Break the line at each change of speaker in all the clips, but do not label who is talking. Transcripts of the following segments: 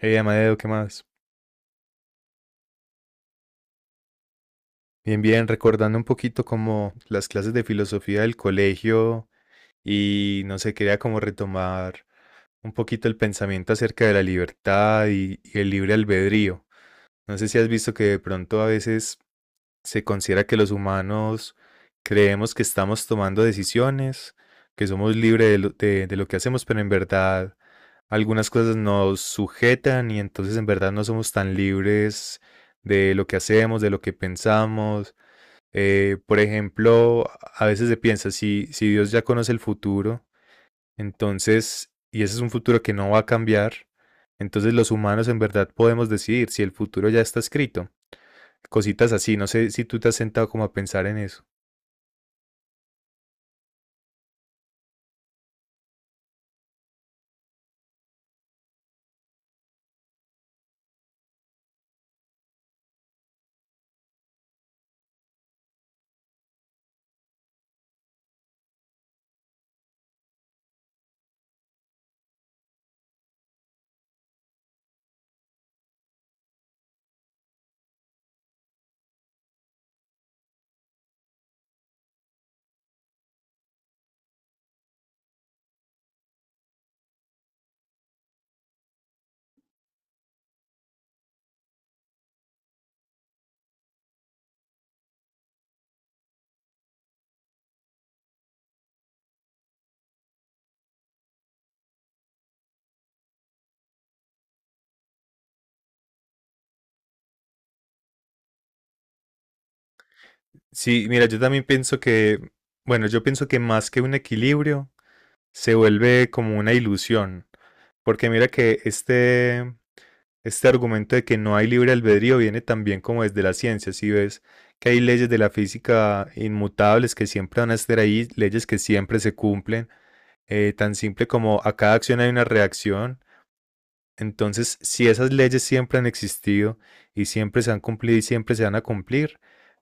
Hey, Amadeo, ¿qué más? Bien, bien, recordando un poquito como las clases de filosofía del colegio y no sé, quería como retomar un poquito el pensamiento acerca de la libertad y el libre albedrío. No sé si has visto que de pronto a veces se considera que los humanos creemos que estamos tomando decisiones, que somos libres de lo que hacemos, pero en verdad algunas cosas nos sujetan y entonces en verdad no somos tan libres de lo que hacemos, de lo que pensamos. Por ejemplo, a veces se piensa, si Dios ya conoce el futuro, entonces, y ese es un futuro que no va a cambiar, entonces los humanos en verdad podemos decidir si el futuro ya está escrito. Cositas así. No sé si tú te has sentado como a pensar en eso. Sí, mira, yo también pienso que, bueno, yo pienso que más que un equilibrio, se vuelve como una ilusión. Porque mira que este argumento de que no hay libre albedrío viene también como desde la ciencia. Si ves que hay leyes de la física inmutables que siempre van a estar ahí, leyes que siempre se cumplen, tan simple como a cada acción hay una reacción. Entonces, si esas leyes siempre han existido y siempre se han cumplido y siempre se van a cumplir,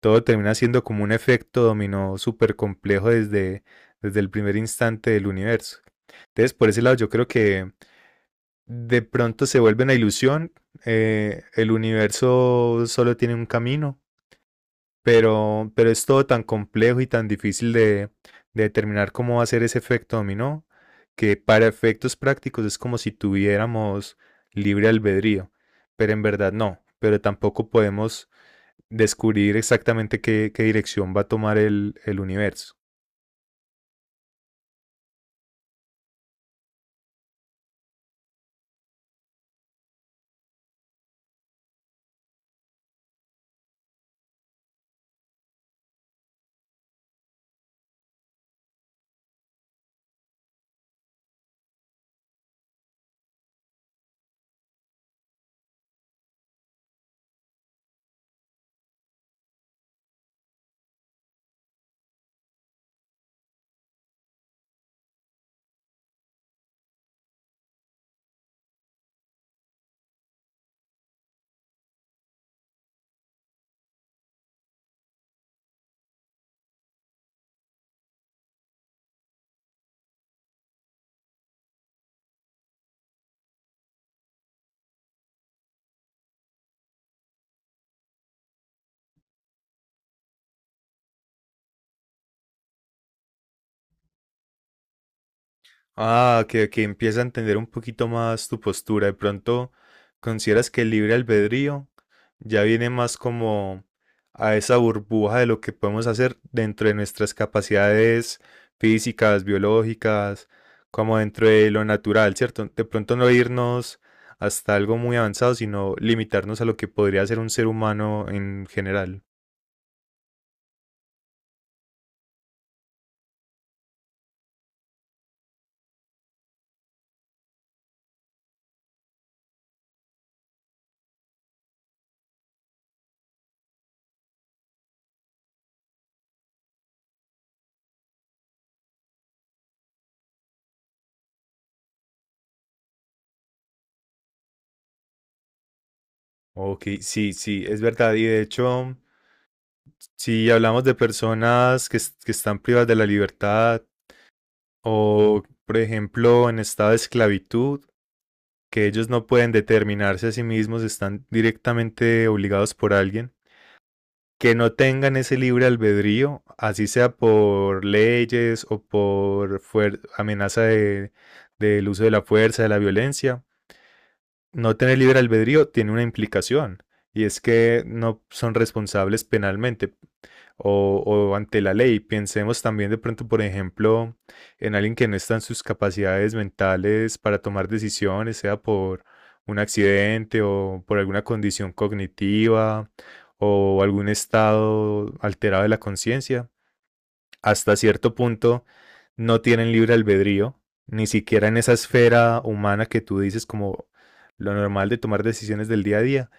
todo termina siendo como un efecto dominó súper complejo desde el primer instante del universo. Entonces, por ese lado, yo creo que de pronto se vuelve una ilusión. El universo solo tiene un camino, pero es todo tan complejo y tan difícil de determinar cómo va a ser ese efecto dominó, que para efectos prácticos es como si tuviéramos libre albedrío, pero en verdad no, pero tampoco podemos descubrir exactamente qué dirección va a tomar el universo. Ah, que empieza a entender un poquito más tu postura. De pronto, ¿consideras que el libre albedrío ya viene más como a esa burbuja de lo que podemos hacer dentro de nuestras capacidades físicas, biológicas, como dentro de lo natural, cierto? De pronto no irnos hasta algo muy avanzado, sino limitarnos a lo que podría ser un ser humano en general. Ok, sí, sí, es verdad. Y de hecho, si hablamos de personas que están privadas de la libertad o, por ejemplo, en estado de esclavitud, que ellos no pueden determinarse a sí mismos, están directamente obligados por alguien, que no tengan ese libre albedrío, así sea por leyes o amenaza del uso de la fuerza, de la violencia. No tener libre albedrío tiene una implicación y es que no son responsables penalmente o ante la ley. Pensemos también de pronto, por ejemplo, en alguien que no está en sus capacidades mentales para tomar decisiones, sea por un accidente o por alguna condición cognitiva o algún estado alterado de la conciencia. Hasta cierto punto no tienen libre albedrío, ni siquiera en esa esfera humana que tú dices como lo normal de tomar decisiones del día a día.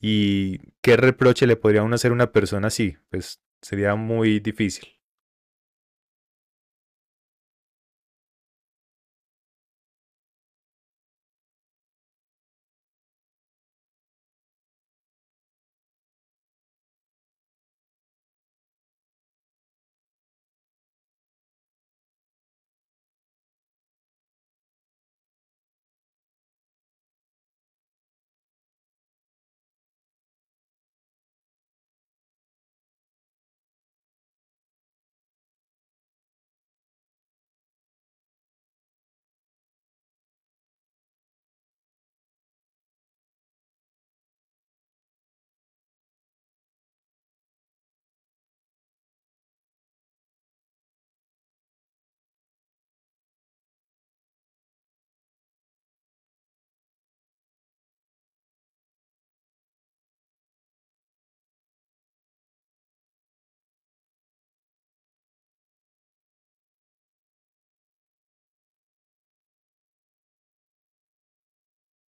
¿Y qué reproche le podría uno hacer a una persona así? Pues sería muy difícil.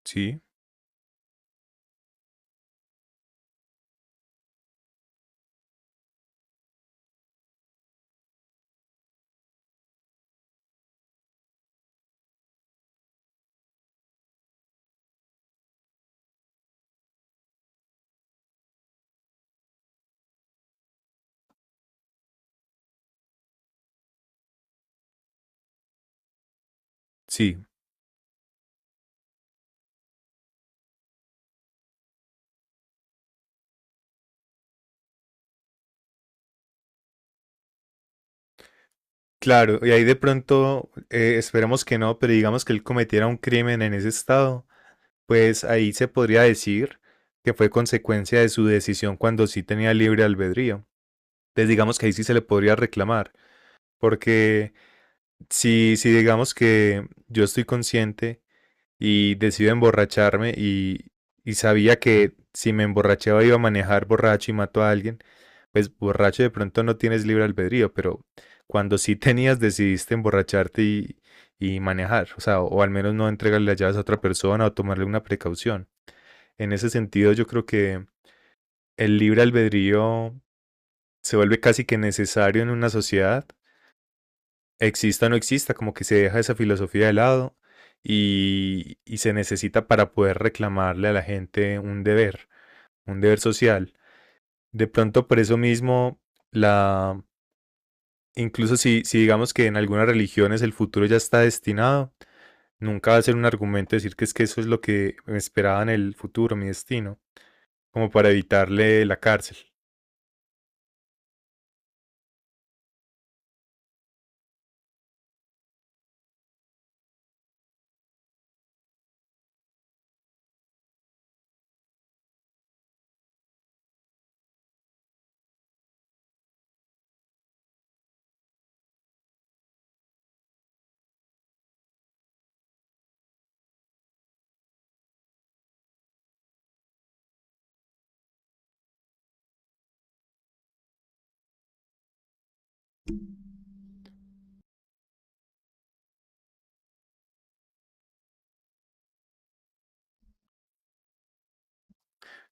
Sí, sí. Claro, y ahí de pronto, esperemos que no, pero digamos que él cometiera un crimen en ese estado, pues ahí se podría decir que fue consecuencia de su decisión cuando sí tenía libre albedrío. Entonces digamos que ahí sí se le podría reclamar. Porque si digamos que yo estoy consciente y decido emborracharme y sabía que si me emborrachaba iba a manejar borracho y mato a alguien, pues borracho de pronto no tienes libre albedrío, pero cuando sí tenías decidiste emborracharte y manejar, o sea, o al menos no entregarle las llaves a otra persona o tomarle una precaución. En ese sentido yo creo que el libre albedrío se vuelve casi que necesario en una sociedad, exista o no exista, como que se deja esa filosofía de lado y se necesita para poder reclamarle a la gente un deber social. De pronto por eso mismo, la, incluso si digamos que en algunas religiones el futuro ya está destinado, nunca va a ser un argumento decir que es que eso es lo que me esperaba en el futuro, mi destino, como para evitarle la cárcel.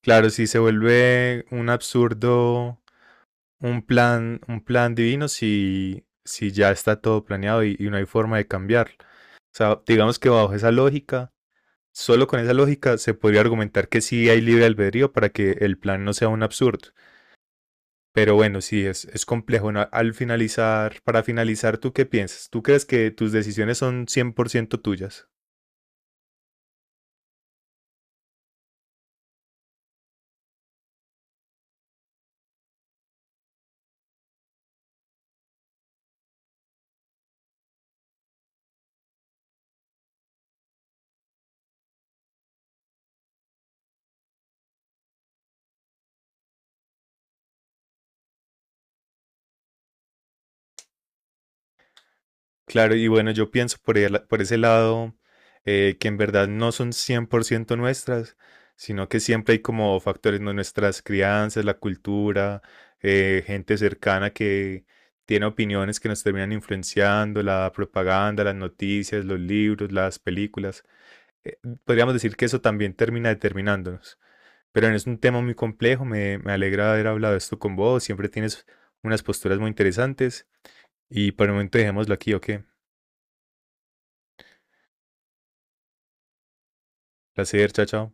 Claro, si se vuelve un absurdo un plan divino si ya está todo planeado y no hay forma de cambiarlo. O sea, digamos que bajo esa lógica, solo con esa lógica se podría argumentar que sí hay libre albedrío para que el plan no sea un absurdo. Pero bueno, sí, es complejo, ¿no? Para finalizar, ¿tú qué piensas? ¿Tú crees que tus decisiones son 100% tuyas? Claro, y bueno, yo pienso por ese lado, que en verdad no son 100% nuestras, sino que siempre hay como factores, ¿no? Nuestras crianzas, la cultura, gente cercana que tiene opiniones que nos terminan influenciando, la propaganda, las noticias, los libros, las películas. Eh, Podríamos decir que eso también termina determinándonos. Pero es un tema muy complejo, me alegra haber hablado esto con vos, siempre tienes unas posturas muy interesantes y por el momento dejémoslo aquí, ¿ok? Placer, chao, chao.